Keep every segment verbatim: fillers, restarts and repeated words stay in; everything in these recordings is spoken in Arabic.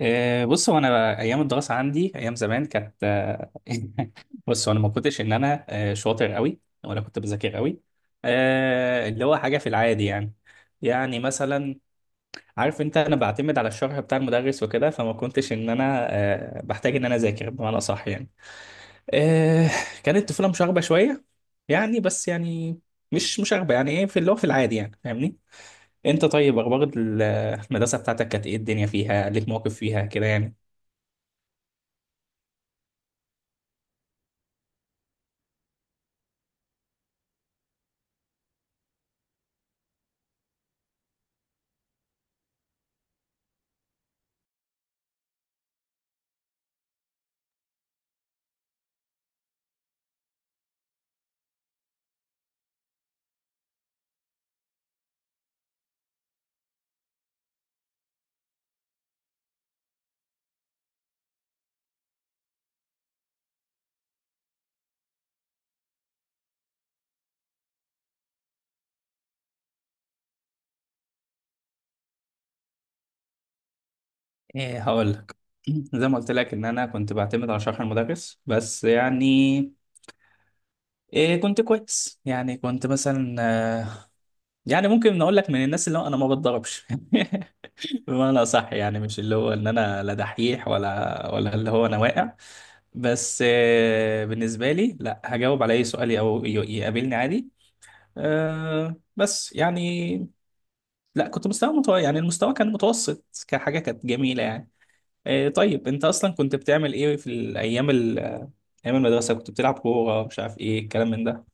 آه، بص هو انا ايام الدراسه عندي ايام زمان كانت آه، بص هو انا ما كنتش ان انا آه، شاطر قوي ولا كنت بذاكر قوي. آه، اللي هو حاجه في العادي يعني، يعني مثلا عارف انت انا بعتمد على الشرح بتاع المدرس وكده، فما كنتش ان انا آه، بحتاج ان انا اذاكر بمعنى صح يعني. آه، كانت الطفوله مشاغبه شويه يعني، بس يعني مش مشاغبه، يعني ايه في اللي هو في العادي يعني، فاهمني؟ انت طيب، اخبار المدرسه بتاعتك كانت ايه؟ الدنيا فيها ليك مواقف فيها كده يعني؟ ايه، هقول لك. زي ما قلت لك ان انا كنت بعتمد على شرح المدرس بس يعني، إيه كنت كويس يعني، كنت مثلا آه، يعني ممكن نقول لك من الناس اللي هو انا ما بتضربش. بمعنى صح يعني، مش اللي هو ان انا لا دحيح ولا ولا اللي هو انا واقع. بس آه، بالنسبه لي لا، هجاوب على اي سؤال او ي- يقابلني عادي. آه، بس يعني لا كنت مستوى متو... يعني المستوى كان متوسط كحاجه كانت جميله يعني. إيه طيب، انت اصلا كنت بتعمل ايه في الايام ال- ايام المدرسه؟ كنت بتلعب كوره، مش عارف ايه الكلام من ده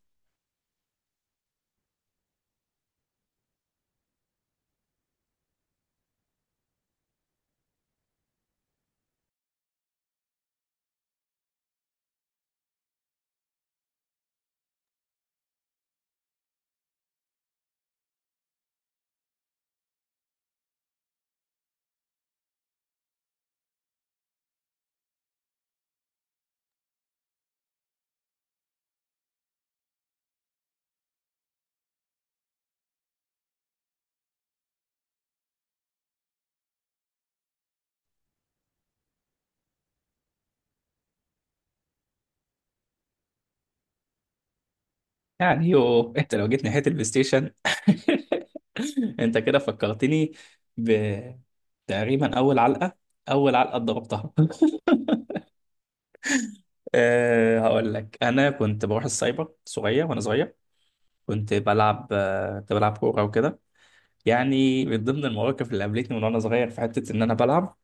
يعني؟ يو، انت لو جيت ناحيه البلاي ستيشن انت كده فكرتني بتقريبا اول علقه، اول علقه اتضربتها. أه، هقول لك انا كنت بروح السايبر صغير وانا صغير، كنت بلعب آه، كنت بلعب كوره وكده. يعني من ضمن المواقف اللي قابلتني من وانا صغير في حته ان انا بلعب،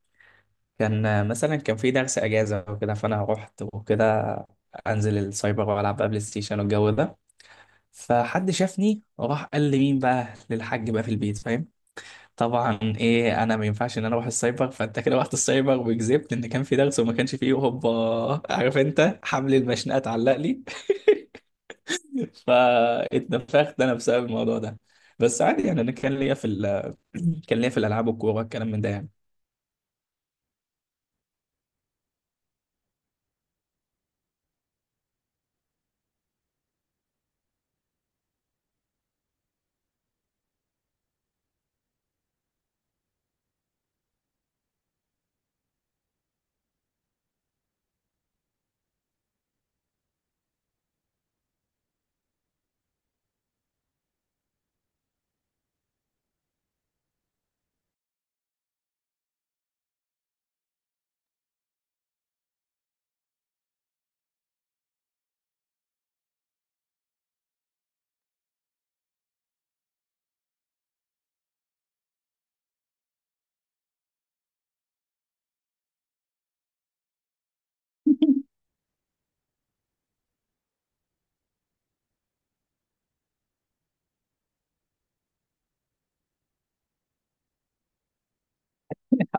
كان مثلا كان في درس اجازه وكده، فانا رحت وكده انزل السايبر والعب بقى بلاي ستيشن والجو ده. فحد شافني وراح قال لي مين بقى للحاج بقى في البيت، فاهم؟ طبعا ايه، انا ما ينفعش ان انا اروح السايبر، فانت كده رحت السايبر وكذبت ان كان في درس وما كانش فيه، هوبا عارف انت، حمل المشنقه اتعلق لي. فاتنفخت انا بسبب الموضوع ده. بس عادي يعني، انا كان ليا في ال... كان ليا في الالعاب والكوره الكلام من ده يعني.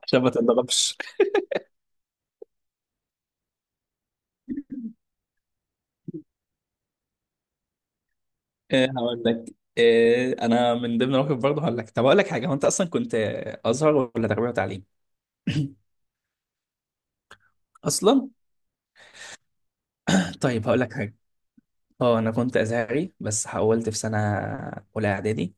عشان ما تتضربش؟ إيه هقول لك، إيه انا من ضمن المواقف برضه هقول لك. طب اقول لك حاجه، هو انت اصلا كنت ازهر ولا تربيه وتعليم؟ اصلا طيب هقول لك حاجه، اه انا كنت ازهري، بس حولت في سنه اولى اعدادي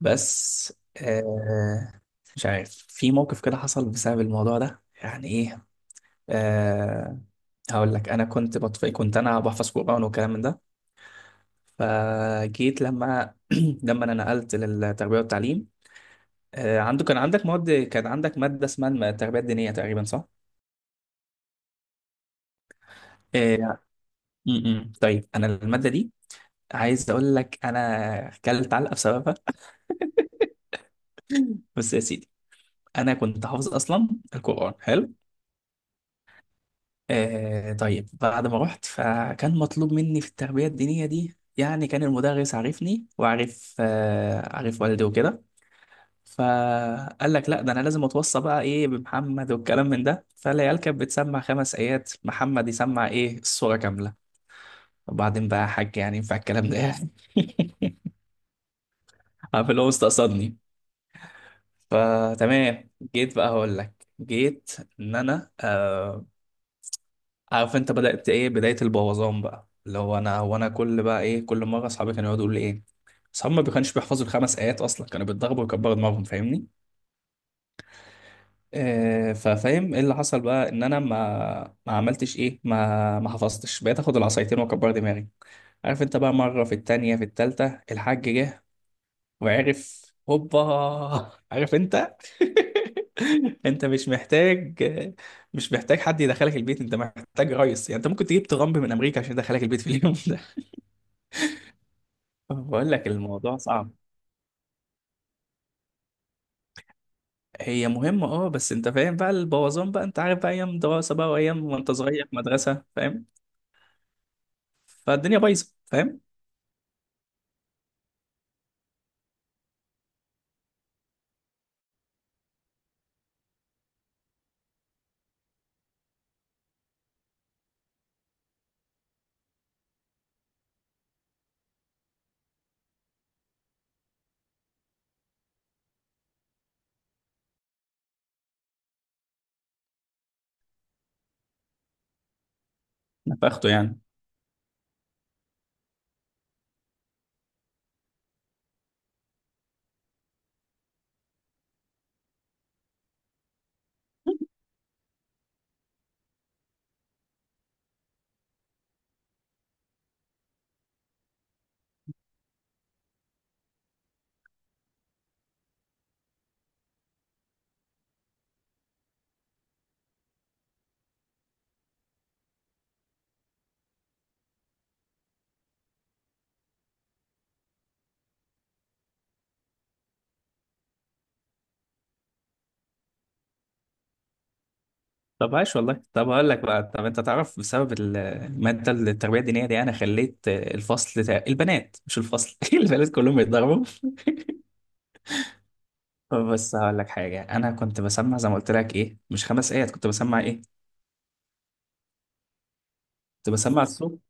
بس. آه مش عارف، في موقف كده حصل بسبب الموضوع ده يعني ايه. آه هقول لك، انا كنت بطفي، كنت انا بحفظ قرآن والكلام من ده. فجيت لما لما انا نقلت للتربيه والتعليم، آه، عنده كان عندك مواد، كان عندك مادة اسمها الم- التربية الدينية تقريبا، صح؟ آه، م- م. طيب أنا المادة دي عايز أقول لك أنا كلت علقة بسببها. بس يا سيدي، أنا كنت حافظ أصلا القرآن، حلو؟ آه، طيب بعد ما رحت، فكان مطلوب مني في التربية الدينية دي يعني، كان المدرس عارفني، وعارف آه، عارف والدي وكده. فقال لك لا ده انا لازم اتوصى بقى ايه بمحمد والكلام من ده، فالعيال كانت بتسمع خمس ايات، محمد يسمع ايه السوره كامله. وبعدين بقى يا حاج، يعني ينفع الكلام ده يعني؟ عارف اللي هو مستقصدني. فتمام، جيت بقى هقول لك، جيت ان انا آه عارف انت، بدأت ايه بداية البوظان بقى، اللي هو انا هو انا كل بقى ايه كل مرة اصحابي كانوا يقعدوا يقولوا لي ايه، اصحابي ما كانوش بيحفظوا الخمس ايات اصلا، كانوا بيتضربوا ويكبروا دماغهم، فاهمني؟ آه ففاهم ايه اللي حصل بقى، ان انا ما ما عملتش ايه، ما ما حفظتش، بقيت اخد العصايتين واكبر دماغي. عارف انت بقى، مرة في التانية في التالتة الحاج جه وعرف، هوبا عارف انت. انت مش محتاج، مش محتاج حد يدخلك البيت، انت محتاج ريس. يعني انت ممكن تجيب ترامب من امريكا عشان يدخلك البيت في اليوم ده. بقول لك الموضوع صعب. هي مهمة اه، بس انت فاهم بقى البوظان بقى، انت عارف بقى ايام دراسة بقى وايام وانت صغير في مدرسة، فاهم؟ فالدنيا بايظة، فاهم؟ نفخته يعني. طب عاش والله. طب هقول لك بقى، طب انت تعرف بسبب ال- المادة التربية الدينية دي انا خليت الفصل تق- البنات، مش الفصل، البنات كلهم يتضربوا. بص هقول لك حاجة، أنا كنت بسمع زي ما قلت لك إيه، مش خمس آيات، كنت بسمع إيه، كنت بسمع الصوت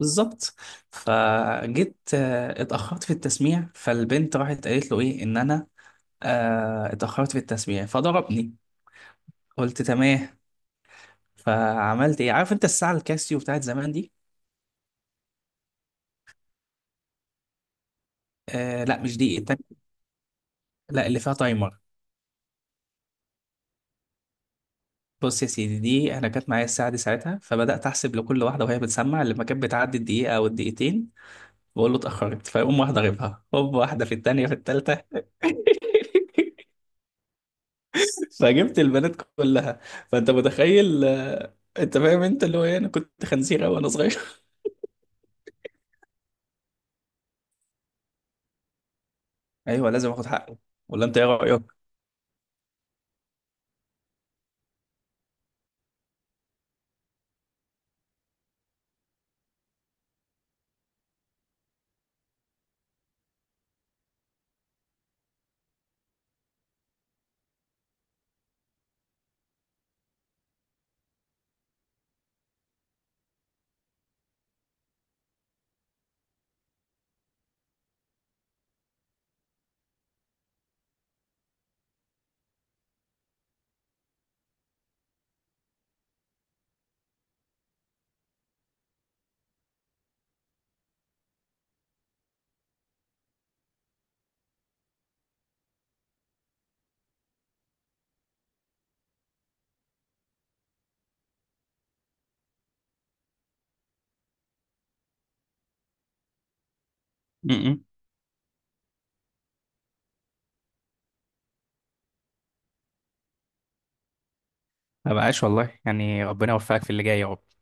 بالظبط. فجيت آه، اتأخرت في التسميع، فالبنت راحت قالت له إيه إن أنا آه، اتأخرت في التسميع، فضربني. قلت تمام. فعملت إيه عارف أنت الساعة الكاسيو بتاعت زمان دي؟ آه لا مش دي، التانية. لا اللي فيها تايمر. بص يا سيدي، دي أنا كانت معايا الساعة دي ساعتها، فبدأت أحسب لكل واحدة وهي بتسمع، لما كانت بتعدي الدقيقة أو الدقيقتين بقول له اتأخرت، فيقوم واحدة غيبها هوب، واحدة في التانية في التالتة. فجبت البنات كلها. فأنت متخيل آه، أنت فاهم أنت اللي هو إيه، أنا كنت خنزيرة وأنا صغير. أيوه لازم آخد حقي، ولا أنت إيه رأيك؟ م- م. ما بقاش والله يعني، ربنا يوفقك في اللي جاي يا رب.